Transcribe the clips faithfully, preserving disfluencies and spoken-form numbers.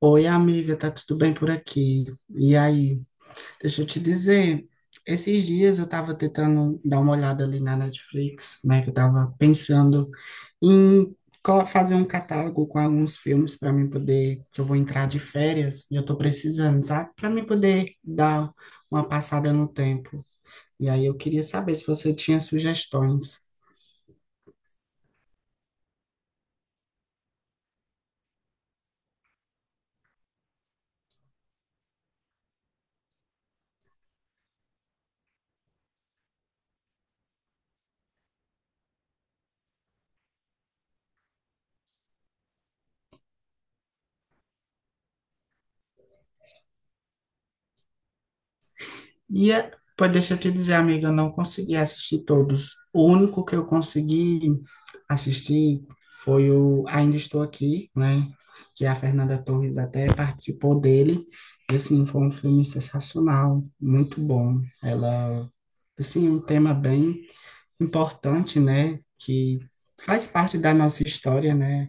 Oi, amiga, tá tudo bem por aqui? E aí, deixa eu te dizer, esses dias eu tava tentando dar uma olhada ali na Netflix, né, que eu tava pensando em co- fazer um catálogo com alguns filmes para mim poder, que eu vou entrar de férias e eu tô precisando, sabe? Para mim poder dar uma passada no tempo. E aí eu queria saber se você tinha sugestões. E é, pô, deixa eu te dizer, amiga, eu não consegui assistir todos. O único que eu consegui assistir foi o Ainda Estou Aqui, né? Que a Fernanda Torres até participou dele. E, assim, foi um filme sensacional, muito bom. Ela, assim, é um tema bem importante, né? Que faz parte da nossa história, né?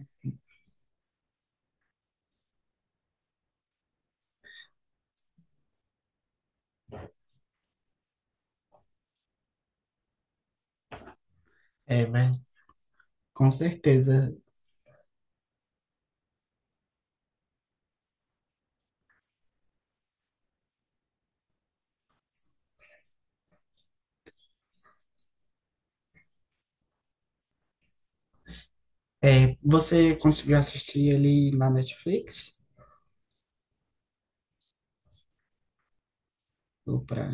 É, né? Com certeza. É, você conseguiu assistir ele na Netflix? Ou pra...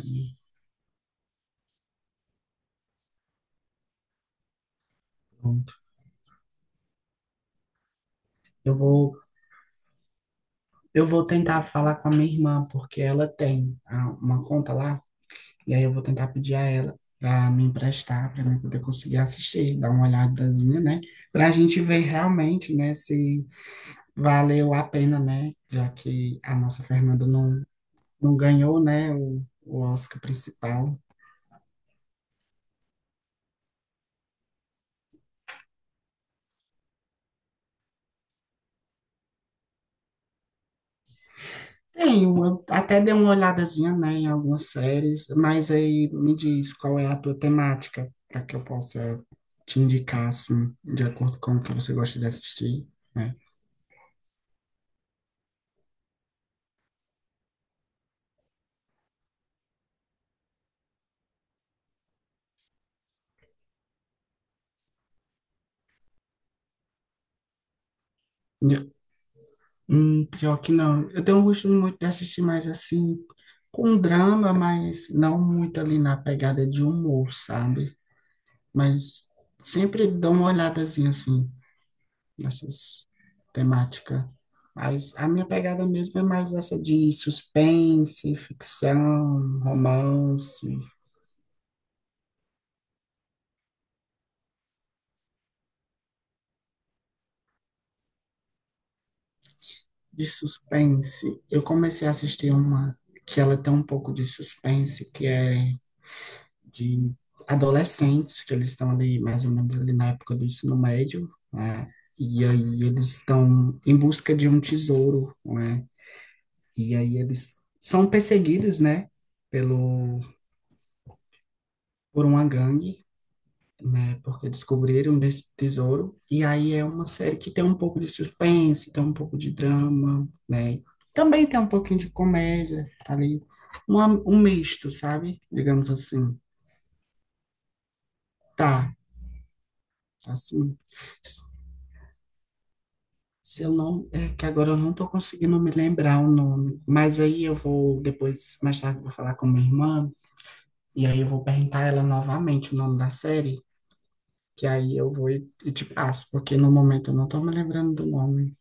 Eu vou, eu vou tentar falar com a minha irmã, porque ela tem ah, uma conta lá, e aí eu vou tentar pedir a ela para me emprestar, para mim poder conseguir assistir, dar uma olhadazinha, né? Para a gente ver realmente, né, se valeu a pena, né? Já que a nossa Fernanda não, não ganhou, né, o, o Oscar principal. Tenho, eu até dei uma olhadazinha, né, em algumas séries, mas aí me diz qual é a tua temática, para que eu possa te indicar, assim, de acordo com o que você gosta de assistir, né? E- Hum, pior que não. Eu tenho um gosto muito de assistir mais, assim, com drama, mas não muito ali na pegada de humor, sabe? Mas sempre dou uma olhadazinha, assim. Essas temática. Mas a minha pegada mesmo é mais essa de suspense, ficção, romance, de suspense. Eu comecei a assistir uma que ela tem um pouco de suspense, que é de adolescentes, que eles estão ali mais ou menos ali na época do ensino médio, né? E aí eles estão em busca de um tesouro, né? E aí eles são perseguidos, né, pelo por uma gangue né? Porque descobriram desse tesouro. E aí é uma série que tem um pouco de suspense, tem um pouco de drama, né? Também tem um pouquinho de comédia tá ali, uma, um misto, sabe? Digamos assim. Tá, assim. Se eu não, é que agora eu não tô conseguindo me lembrar o nome, mas aí eu vou depois, mais tarde, eu vou falar com minha irmã e aí eu vou perguntar a ela novamente o nome da série, que aí eu vou e, e te passo, porque no momento eu não tô me lembrando do nome.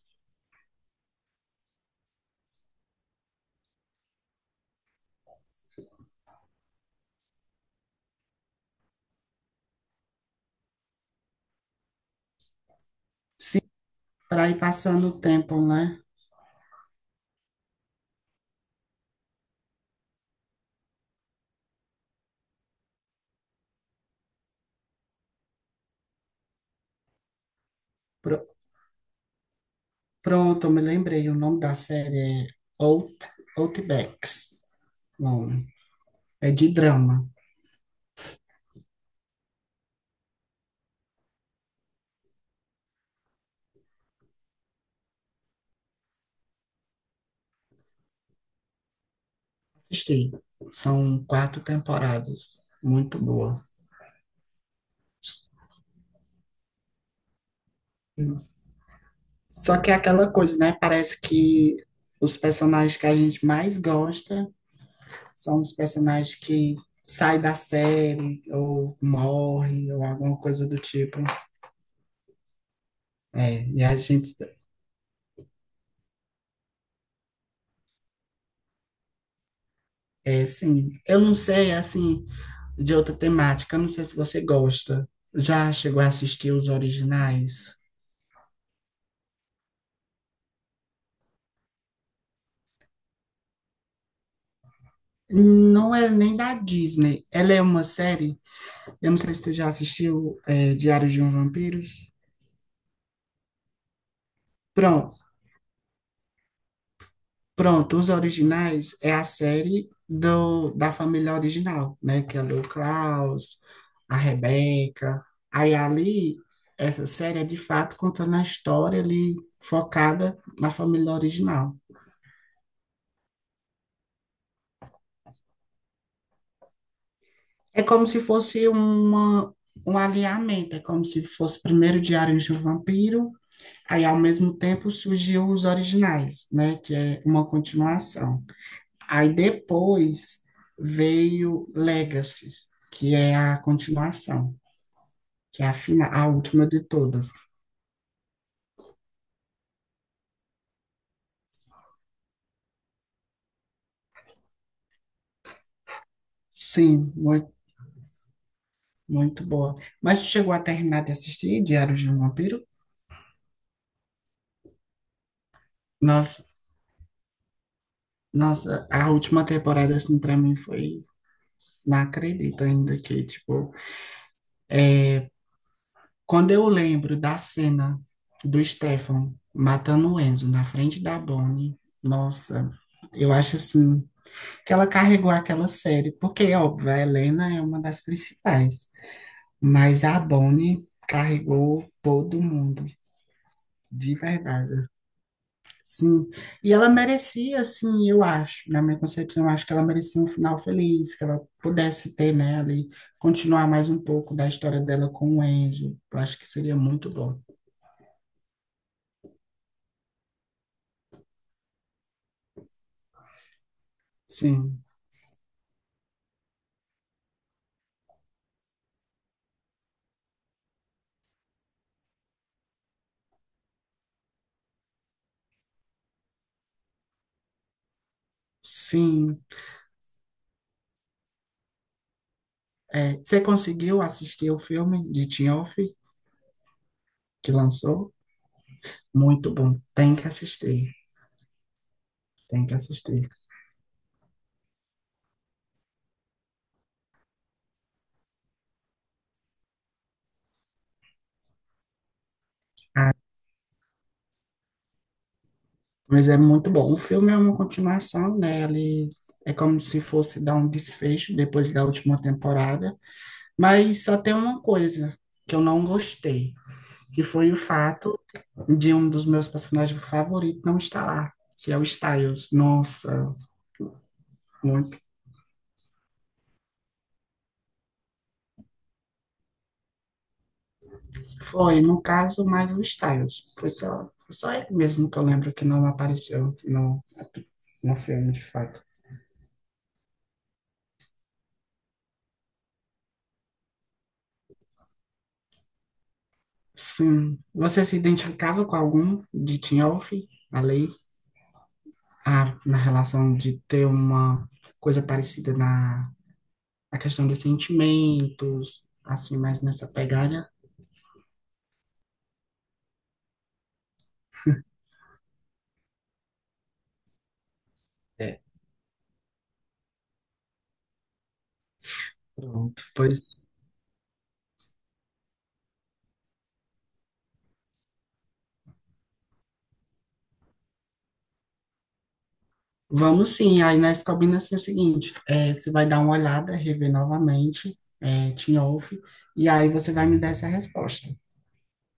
Para ir passando o tempo, né? Pro- Pronto, eu me lembrei, o nome da série é Out, Outbacks, nome. É de drama. Assisti. São quatro temporadas. Muito boa. Só que é aquela coisa, né? Parece que os personagens que a gente mais gosta são os personagens que saem da série, ou morrem, ou alguma coisa do tipo. É, e a gente, é sim. Eu não sei, assim, de outra temática. Não sei se você gosta. Já chegou a assistir os originais? Não é nem da Disney. Ela é uma série. Eu não sei se tu já assistiu é, Diário de um Vampiro. Pronto, Pronto. Os originais é a série do, da família original, né? Que é o Klaus, a Rebeca. Aí ali, essa série é de fato contando a história ali focada na família original. É como se fosse uma, um alinhamento, é como se fosse primeiro Diários de um Vampiro, aí ao mesmo tempo surgiu os originais, né, que é uma continuação. Aí depois veio Legacy, que é a continuação, que é a final, a última de todas. Sim, muito, muito boa. Mas tu chegou a terminar de assistir Diários de um Vampiro? Nossa, Nossa, a última temporada assim para mim foi, não acredito ainda que tipo quando eu lembro da cena do Stefan matando o Enzo na frente da Bonnie, nossa, eu acho assim que ela carregou aquela série, porque óbvio, a Helena é uma das principais, mas a Bonnie carregou todo mundo, de verdade. Sim, e ela merecia, assim, eu acho, na minha concepção, eu acho que ela merecia um final feliz, que ela pudesse ter, né, ali, continuar mais um pouco da história dela com o Enzo. Eu acho que seria muito bom. Sim. Sim, é, você conseguiu assistir o filme de Tinhoff que lançou? Muito bom, tem que assistir, tem que assistir. Ah, mas é muito bom. O filme é uma continuação, né? Ele é como se fosse dar um desfecho depois da última temporada, mas só tem uma coisa que eu não gostei, que foi o fato de um dos meus personagens favoritos não estar lá, que é o Styles. Nossa, foi, no caso, mais o Styles. Foi só, foi só ele mesmo que eu lembro que não apareceu no, no filme, de fato. Sim. Você se identificava com algum de Teen Wolf? A lei? A, na relação de ter uma coisa parecida na, na questão dos sentimentos, assim, mais nessa pegada? É, pronto. Pois vamos sim, aí nós combinamos assim, o seguinte, é, você vai dar uma olhada, rever novamente, é, Teen Wolf, e aí você vai me dar essa resposta.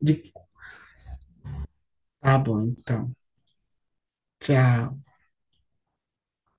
De... Tá bom, então. Tchau.